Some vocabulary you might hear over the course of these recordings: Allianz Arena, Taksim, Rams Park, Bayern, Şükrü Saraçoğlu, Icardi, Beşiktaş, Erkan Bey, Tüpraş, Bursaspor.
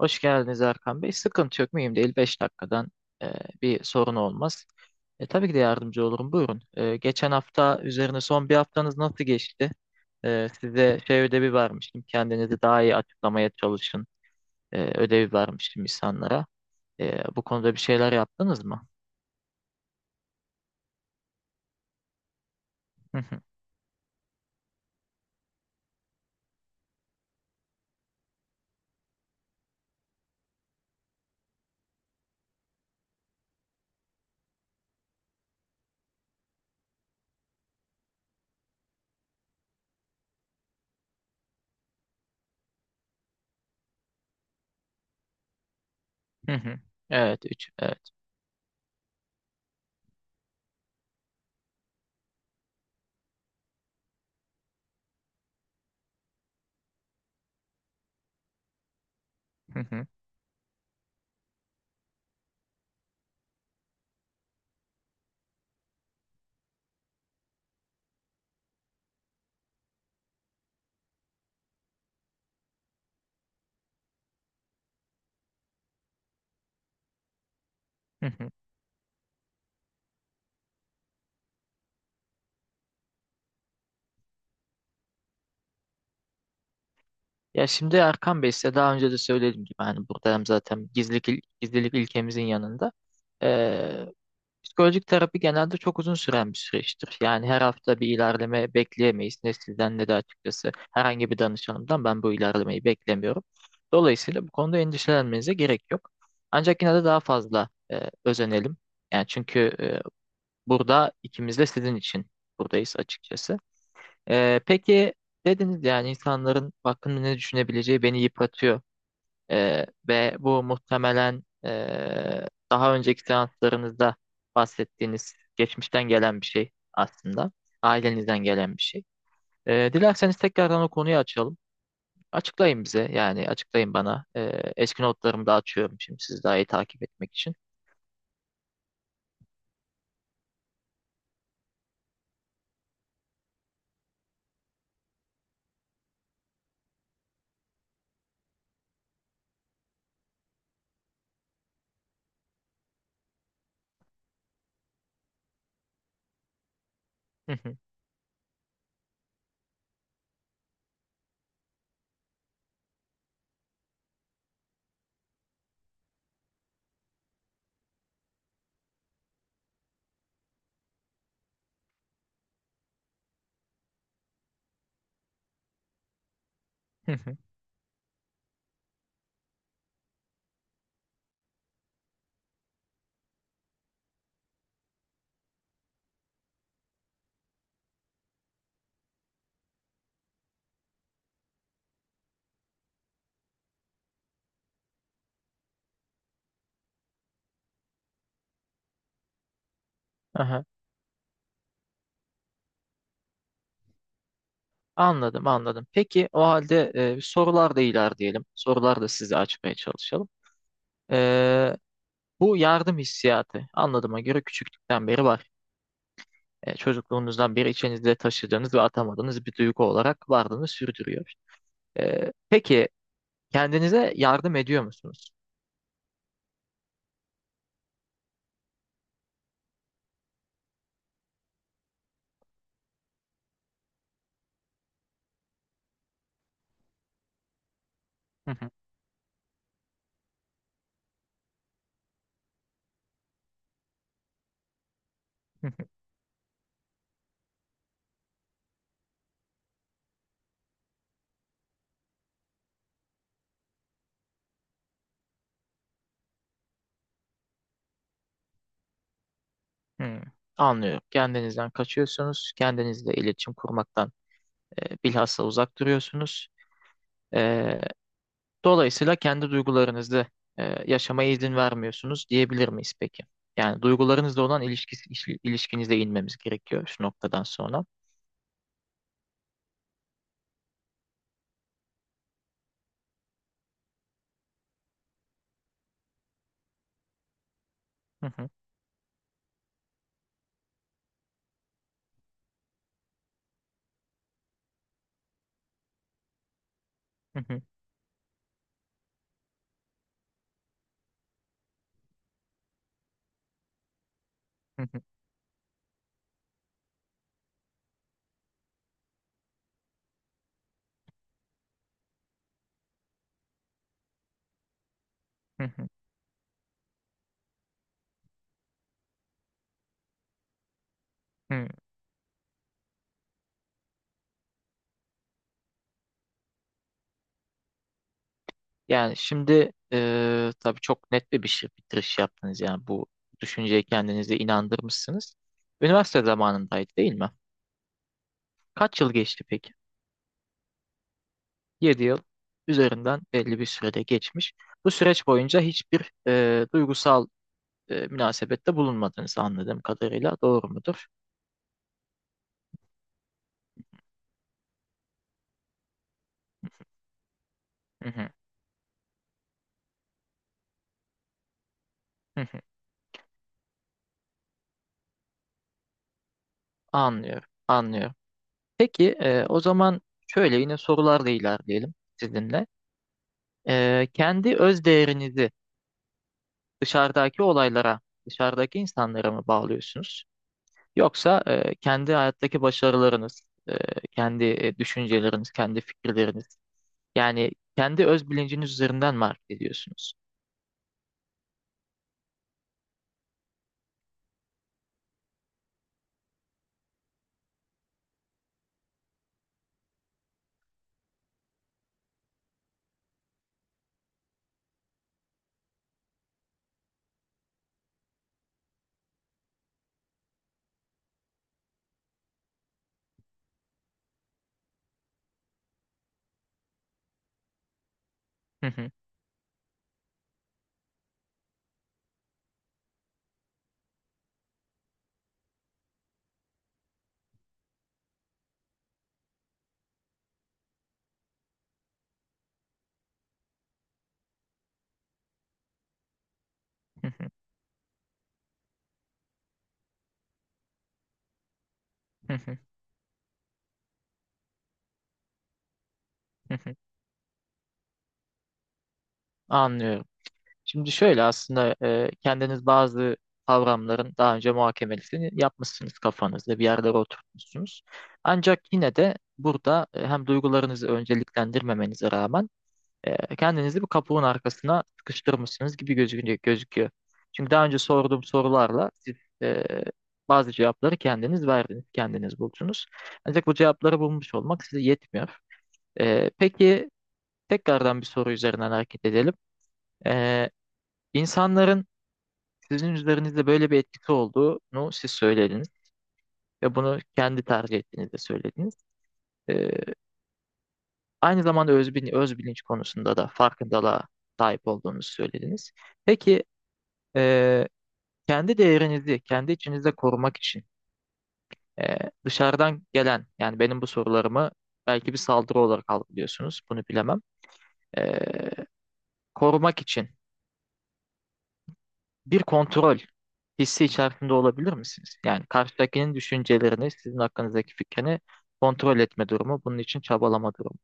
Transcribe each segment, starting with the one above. Hoş geldiniz Erkan Bey. Sıkıntı yok, mühim değil. 5 dakikadan e, bir sorun olmaz. Tabii ki de yardımcı olurum. Buyurun. Geçen hafta üzerine son bir haftanız nasıl geçti? Size şey ödevi vermiştim. Kendinizi daha iyi açıklamaya çalışın. Ödevi vermiştim insanlara. Bu konuda bir şeyler yaptınız mı? Hı hı, hı hı. Evet, üç. Evet. Hı hı, hı hı. Ya şimdi Erkan Bey, size daha önce de söylediğim gibi hani burada hem zaten gizlilik, gizlilik ilkemizin yanında ee, psikolojik terapi genelde çok uzun süren bir süreçtir. Yani her hafta bir ilerleme bekleyemeyiz. Ne sizden ne de açıkçası herhangi bir danışanımdan ben bu ilerlemeyi beklemiyorum. Dolayısıyla bu konuda endişelenmenize gerek yok. Ancak yine de daha fazla özenelim. Yani çünkü burada ikimiz de sizin için buradayız açıkçası. Peki dediniz yani insanların hakkında ne düşünebileceği beni yıpratıyor. Ve bu muhtemelen daha önceki seanslarınızda bahsettiğiniz geçmişten gelen bir şey aslında. Ailenizden gelen bir şey. Dilerseniz tekrardan o konuyu açalım. Açıklayın bize, yani açıklayın bana. Eski notlarımı da açıyorum şimdi siz daha iyi takip etmek için. Hı hı, hı hı. Aha, anladım anladım. Peki o halde sorular da ilerleyelim. Sorular da size açmaya çalışalım. Ee, Bu yardım hissiyatı anladığıma göre küçüklükten beri var. Çocukluğunuzdan beri içinizde taşıdığınız ve atamadığınız bir duygu olarak varlığını sürdürüyor. Peki kendinize yardım ediyor musunuz? Hı hı, hı hı, hı. Anlıyorum. Kendinizden kaçıyorsunuz. Kendinizle iletişim kurmaktan bilhassa uzak duruyorsunuz. E, Dolayısıyla kendi duygularınızı e, yaşamaya izin vermiyorsunuz diyebilir miyiz peki? Yani duygularınızla olan ilişkisi, ilişkinize inmemiz gerekiyor şu noktadan sonra. Hı hı, hı hı, hı hı, hı hı, hı. Yani şimdi tabii çok net bir şey, bitiriş yaptınız yani bu düşünceye kendinizi inandırmışsınız. Üniversite zamanındaydı değil mi? Kaç yıl geçti peki? 7 yıl üzerinden belli bir sürede geçmiş. Bu süreç boyunca hiçbir duygusal münasebette bulunmadınız anladığım kadarıyla, doğru mudur? Hı hı, hı hı. Anlıyorum, anlıyorum. Peki o zaman şöyle yine sorularla ilerleyelim sizinle. Kendi öz değerinizi dışarıdaki olaylara, dışarıdaki insanlara mı bağlıyorsunuz? Yoksa kendi hayattaki başarılarınız, e, kendi düşünceleriniz, kendi fikirleriniz, yani kendi öz bilinciniz üzerinden mi hareket ediyorsunuz? Hı hı, hı hı, hı hı, hı hı. Anlıyorum. Şimdi şöyle aslında kendiniz bazı kavramların daha önce muhakemesini yapmışsınız kafanızda, bir yerlere oturtmuşsunuz. Ancak yine de burada hem duygularınızı önceliklendirmemenize rağmen kendinizi bir kapuğun arkasına sıkıştırmışsınız gibi gözüküyor. Çünkü daha önce sorduğum sorularla siz e, bazı cevapları kendiniz verdiniz, kendiniz buldunuz. Ancak bu cevapları bulmuş olmak size yetmiyor. Peki tekrardan bir soru üzerinden hareket edelim. E, insanların sizin üzerinizde böyle bir etkisi olduğunu siz söylediniz ve bunu kendi tercih ettiğinizde söylediniz. E, Aynı zamanda öz, öz bilinç konusunda da farkındalığa sahip olduğunuzu söylediniz. Peki e, kendi değerinizi kendi içinizde korumak için e, dışarıdan gelen, yani benim bu sorularımı belki bir saldırı olarak algılıyorsunuz, bunu bilemem. E, Korumak için bir kontrol hissi içerisinde olabilir misiniz? Yani karşıdakinin düşüncelerini, sizin hakkınızdaki fikrini kontrol etme durumu, bunun için çabalama durumu.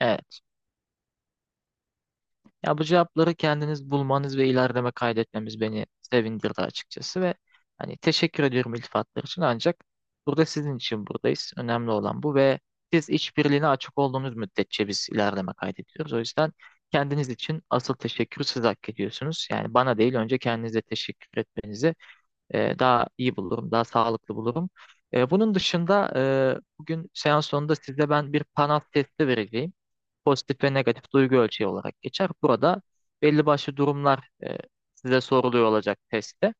Ya bu cevapları kendiniz bulmanız ve ilerleme kaydetmemiz beni sevindirdi açıkçası ve hani teşekkür ediyorum iltifatlar için, ancak burada sizin için buradayız. Önemli olan bu ve siz işbirliğine açık olduğunuz müddetçe biz ilerleme kaydediyoruz. O yüzden kendiniz için asıl teşekkür siz hak ediyorsunuz. Yani bana değil önce kendinize teşekkür etmenizi daha iyi bulurum, daha sağlıklı bulurum. Bunun dışında bugün seans sonunda size ben bir panel testi vereceğim, pozitif ve negatif duygu ölçeği olarak geçer. Burada belli başlı durumlar size soruluyor olacak testte.